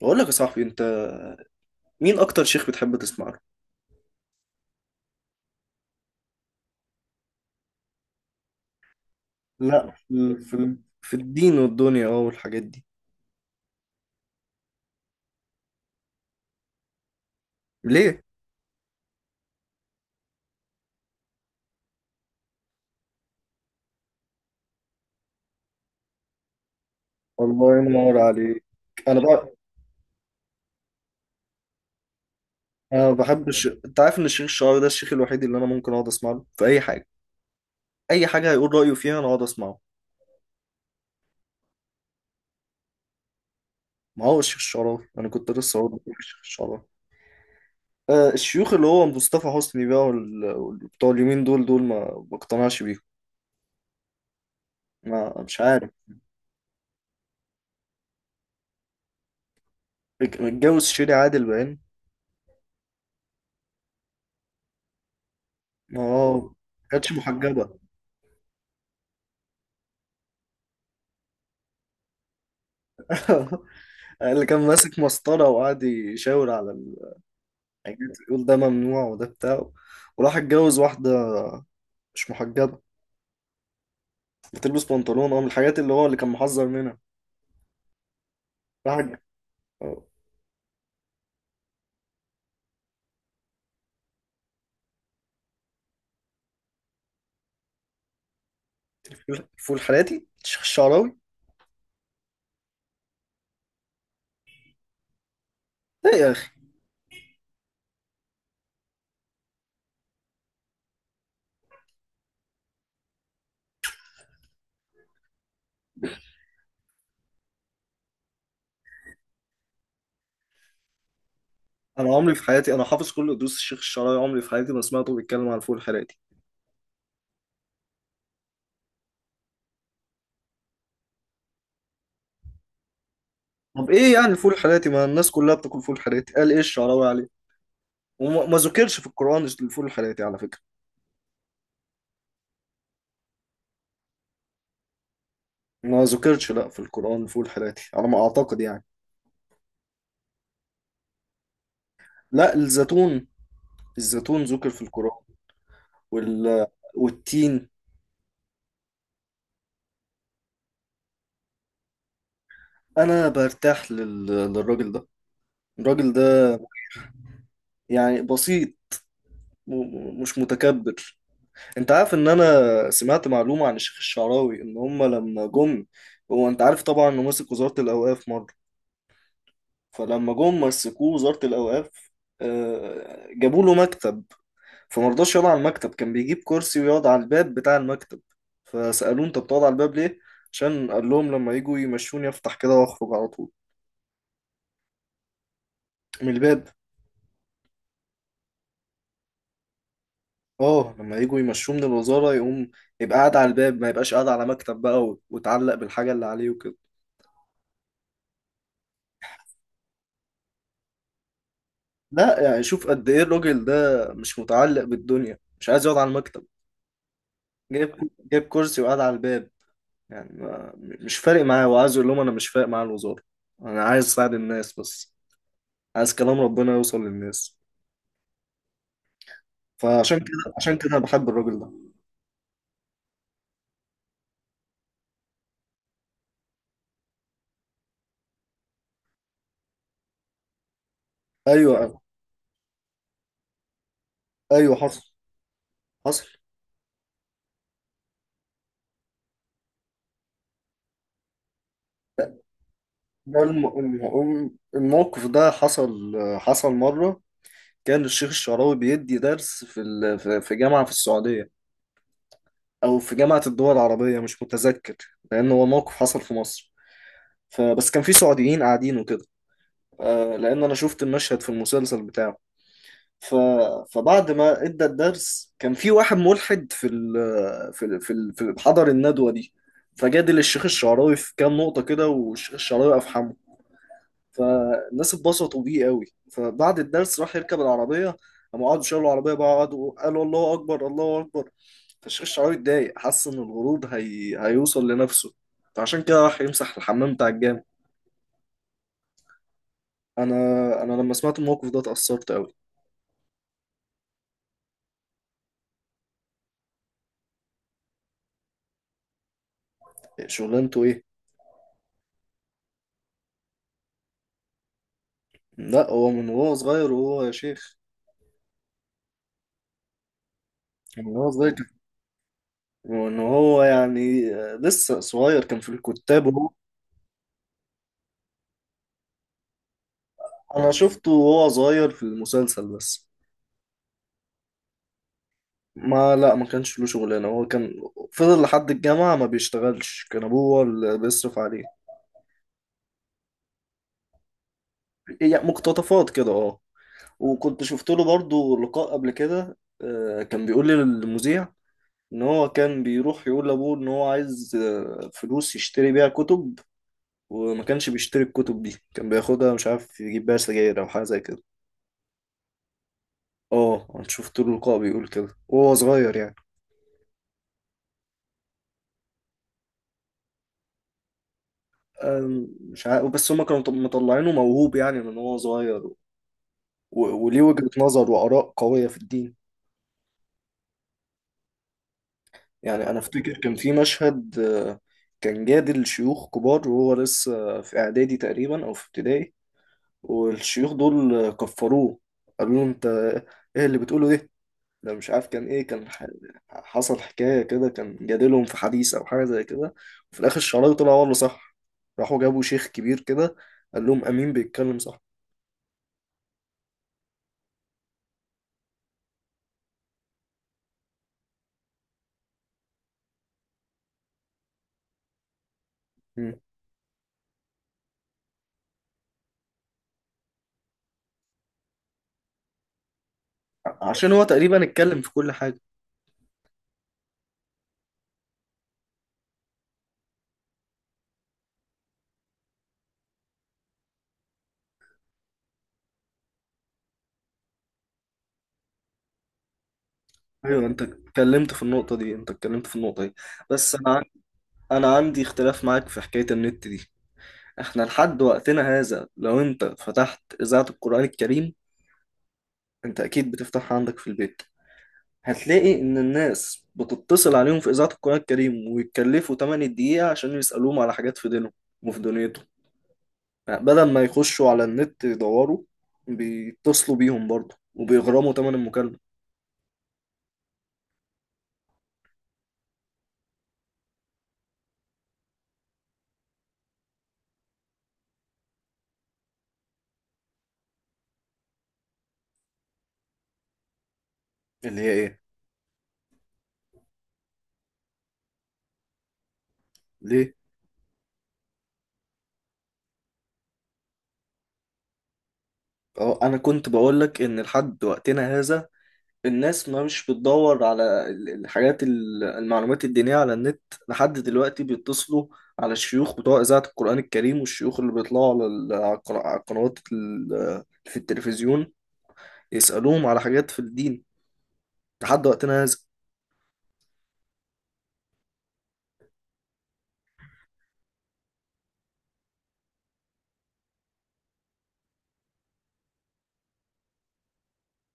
بقول لك يا صاحبي انت، مين اكتر شيخ بتحب تسمع له؟ لا في الدين والدنيا والحاجات دي. ليه؟ الله ينور عليك. انا بقى انا بحب انت عارف ان الشيخ الشعراوي ده الشيخ الوحيد اللي انا ممكن اقعد اسمع له في اي حاجه، اي حاجه هيقول رايه فيها انا اقعد اسمعه. ما هو الشيخ الشعراوي، انا كنت لسه هقول لك الشيخ الشعراوي. آه الشيوخ اللي هو مصطفى حسني بقى بتوع اليمين دول دول ما بقتنعش بيهم، ما مش عارف. متجوز شيري عادل باين. اه، ما كانتش محجبه. اللي كان ماسك مسطرة وقعد يشاور على الحاجات، يقول ده ممنوع وده بتاع. وراح اتجوز واحدة مش محجبة، بتلبس بنطلون، اه، من الحاجات اللي هو اللي كان محذر منها. راح اتج- اه. الفول حراتي الشيخ الشعراوي. ايه يا اخي. انا عمري في حياتي، انا حافظ كل دروس الشيخ الشعراوي، عمري في حياتي ما سمعته بيتكلم عن الفول حراتي. طب ايه يعني الفول الحراتي؟ ما الناس كلها بتاكل فول حراتي، قال ايه الشعراوي عليه؟ وما ما ذكرش في القرآن الفول الحراتي على فكرة. ما ذكرش لا في القرآن الفول الحراتي على ما اعتقد يعني. لا، الزيتون، الزيتون ذكر في القرآن. وال... والتين. أنا برتاح للراجل ده، الراجل ده يعني بسيط، مش متكبر. أنت عارف إن أنا سمعت معلومة عن الشيخ الشعراوي، إن هما لما جم، هو أنت عارف طبعا إنه مسك وزارة الأوقاف مرة، فلما جم مسكوه وزارة الأوقاف، جابوا له مكتب. فمرضاش يقعد على المكتب، كان بيجيب كرسي ويقعد على الباب بتاع المكتب. فسألوه أنت بتقعد على الباب ليه؟ عشان قال لهم لما يجوا يمشوني افتح كده واخرج على طول من الباب. اه، لما يجوا يمشوه من الوزارة يقوم يبقى قاعد على الباب، ما يبقاش قاعد على مكتب بقى وتعلق بالحاجة اللي عليه وكده. لا يعني شوف قد ايه الراجل ده، مش متعلق بالدنيا، مش عايز يقعد على المكتب، جايب جايب كرسي وقاعد على الباب. يعني ما مش فارق معاه، هو عايز يقول لهم انا مش فارق معايا الوزارة، انا عايز اساعد الناس بس، عايز كلام ربنا يوصل للناس. فعشان كده، عشان كده انا بحب الراجل ده. ايوه. ايوه، حصل. ده الموقف ده حصل. حصل مرة كان الشيخ الشعراوي بيدي درس في جامعة في السعودية، أو في جامعة الدول العربية مش متذكر. لأن هو موقف حصل في مصر، فبس كان في سعوديين قاعدين وكده. لأن أنا شفت المشهد في المسلسل بتاعه. ف... فبعد ما ادى الدرس كان في واحد ملحد في حضر الندوة دي. فجادل الشيخ الشعراوي في كام نقطة كده، والشيخ الشعراوي أفحمه. فالناس اتبسطوا بيه قوي. فبعد الدرس راح يركب العربية، قاموا قعدوا شالوا العربية بقى، قعدوا قالوا الله أكبر الله أكبر. فالشيخ الشعراوي اتضايق، حس إن الغرور هيوصل لنفسه. فعشان كده راح يمسح الحمام بتاع الجامع. أنا أنا لما سمعت الموقف ده اتأثرت قوي. شغلانته إيه؟ لا، هو من وهو صغير وهو يا شيخ. من وهو صغير كان- وإن هو يعني لسه صغير كان في الكتاب وهو. أنا شفته وهو صغير في المسلسل بس. ما لا، ما كانش له شغلانه، هو كان فضل لحد الجامعه ما بيشتغلش، كان ابوه هو اللي بيصرف عليه. يعني مقتطفات كده اه. وكنت شفت له برضو لقاء قبل كده، كان بيقول لي للمذيع ان هو كان بيروح يقول لابوه ان هو عايز فلوس يشتري بيها كتب. وما كانش بيشتري الكتب دي، كان بياخدها مش عارف يجيب بيها سجاير او حاجه زي كده. اه، انا شفت له لقاء بيقول كده وهو صغير يعني. مش عارف، بس هما كانوا مطلعينه موهوب يعني من هو صغير، وليه وجهة نظر وآراء قوية في الدين. يعني أنا أفتكر كان في مشهد، كان جادل شيوخ كبار وهو لسه في إعدادي تقريبا أو في ابتدائي. والشيوخ دول كفروه، قالوا له أنت إيه اللي بتقوله ده؟ ده مش عارف كان إيه، حصل حكاية كده، كان جادلهم في حديث أو حاجة زي كده. وفي الآخر الشعراوي طلع هو اللي صح، راحوا جابوا شيخ كبير كده قال لهم أمين بيتكلم صح. مم. عشان هو تقريبا اتكلم في كل حاجة. ايوه، انت اتكلمت في النقطه دي، انت اتكلمت في النقطه دي. بس انا عن- انا عندي اختلاف معاك في حكايه النت دي. احنا لحد وقتنا هذا لو انت فتحت اذاعه القران الكريم، انت اكيد بتفتحها عندك في البيت، هتلاقي ان الناس بتتصل عليهم في اذاعه القران الكريم ويتكلفوا 8 دقيقه عشان يسالوهم على حاجات في دينهم وفي دنيتهم. يعني بدل ما يخشوا على النت يدوروا، بيتصلوا بيهم برضه وبيغرموا ثمن المكالمه. اللي هي ايه؟ ليه؟ اه، انا كنت بقول لك ان لحد وقتنا هذا الناس ما مش بتدور على ال- الحاجات ال- المعلومات الدينية على النت. لحد دلوقتي بيتصلوا على الشيوخ بتوع إذاعة القرآن الكريم، والشيوخ اللي بيطلعوا على على القنوات في التلفزيون، يسألوهم على حاجات في الدين لحد وقتنا هذا.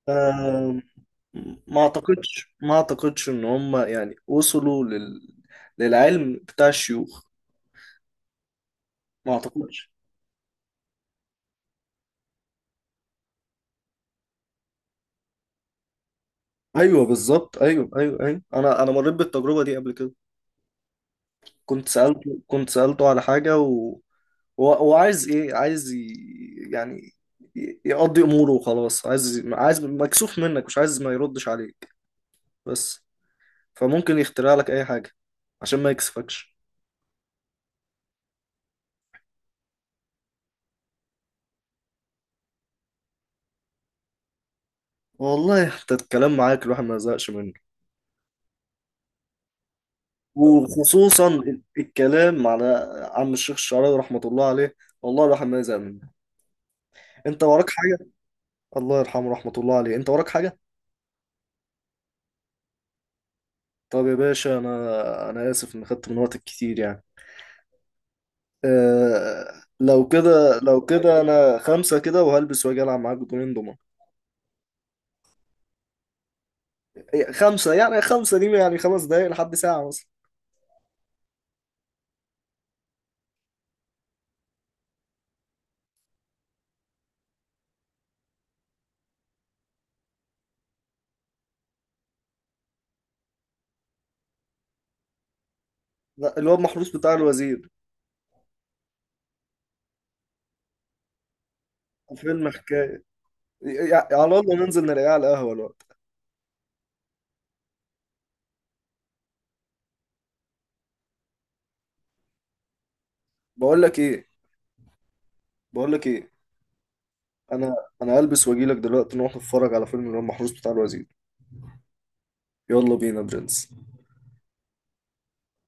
آم، ما أعتقدش، ما أعتقدش إن هم يعني وصلوا للعلم بتاع الشيوخ، ما أعتقدش. أيوه بالظبط، أيوه أيوه أيوه، أنا مريت بالتجربة دي قبل كده. كنت سألته، كنت سألته على حاجة هو عايز ايه، عايز يعني يقضي اموره وخلاص، عايز مكسوف منك، مش عايز ما يردش عليك بس، فممكن يخترع لك اي حاجه عشان ما يكسفكش. والله انت الكلام معاك الواحد ما يزهقش منه، وخصوصا الكلام على عم الشيخ الشعراوي رحمه الله عليه. والله الواحد ما يزهق منه. انت وراك حاجه؟ الله يرحمه، رحمه الله عليه. انت وراك حاجه؟ طب يا باشا، انا اسف ان خدت من وقتك كتير يعني. لو كده، لو كده انا خمسة كده وهلبس واجي العب معاك بطولين دومنة. خمسة يعني، خمسة دي يعني خمس دقايق لحد ساعة مثلا. لا، الواد محروس بتاع الوزير. فيلم حكاية، إيه، إيه، يعني على الله ننزل نلاقيه على القهوة الوقت. بقول لك ايه، بقول لك ايه، انا انا هلبس واجي لك دلوقتي نروح نتفرج على فيلم الواد محروس بتاع الوزير. يلا بينا برنس.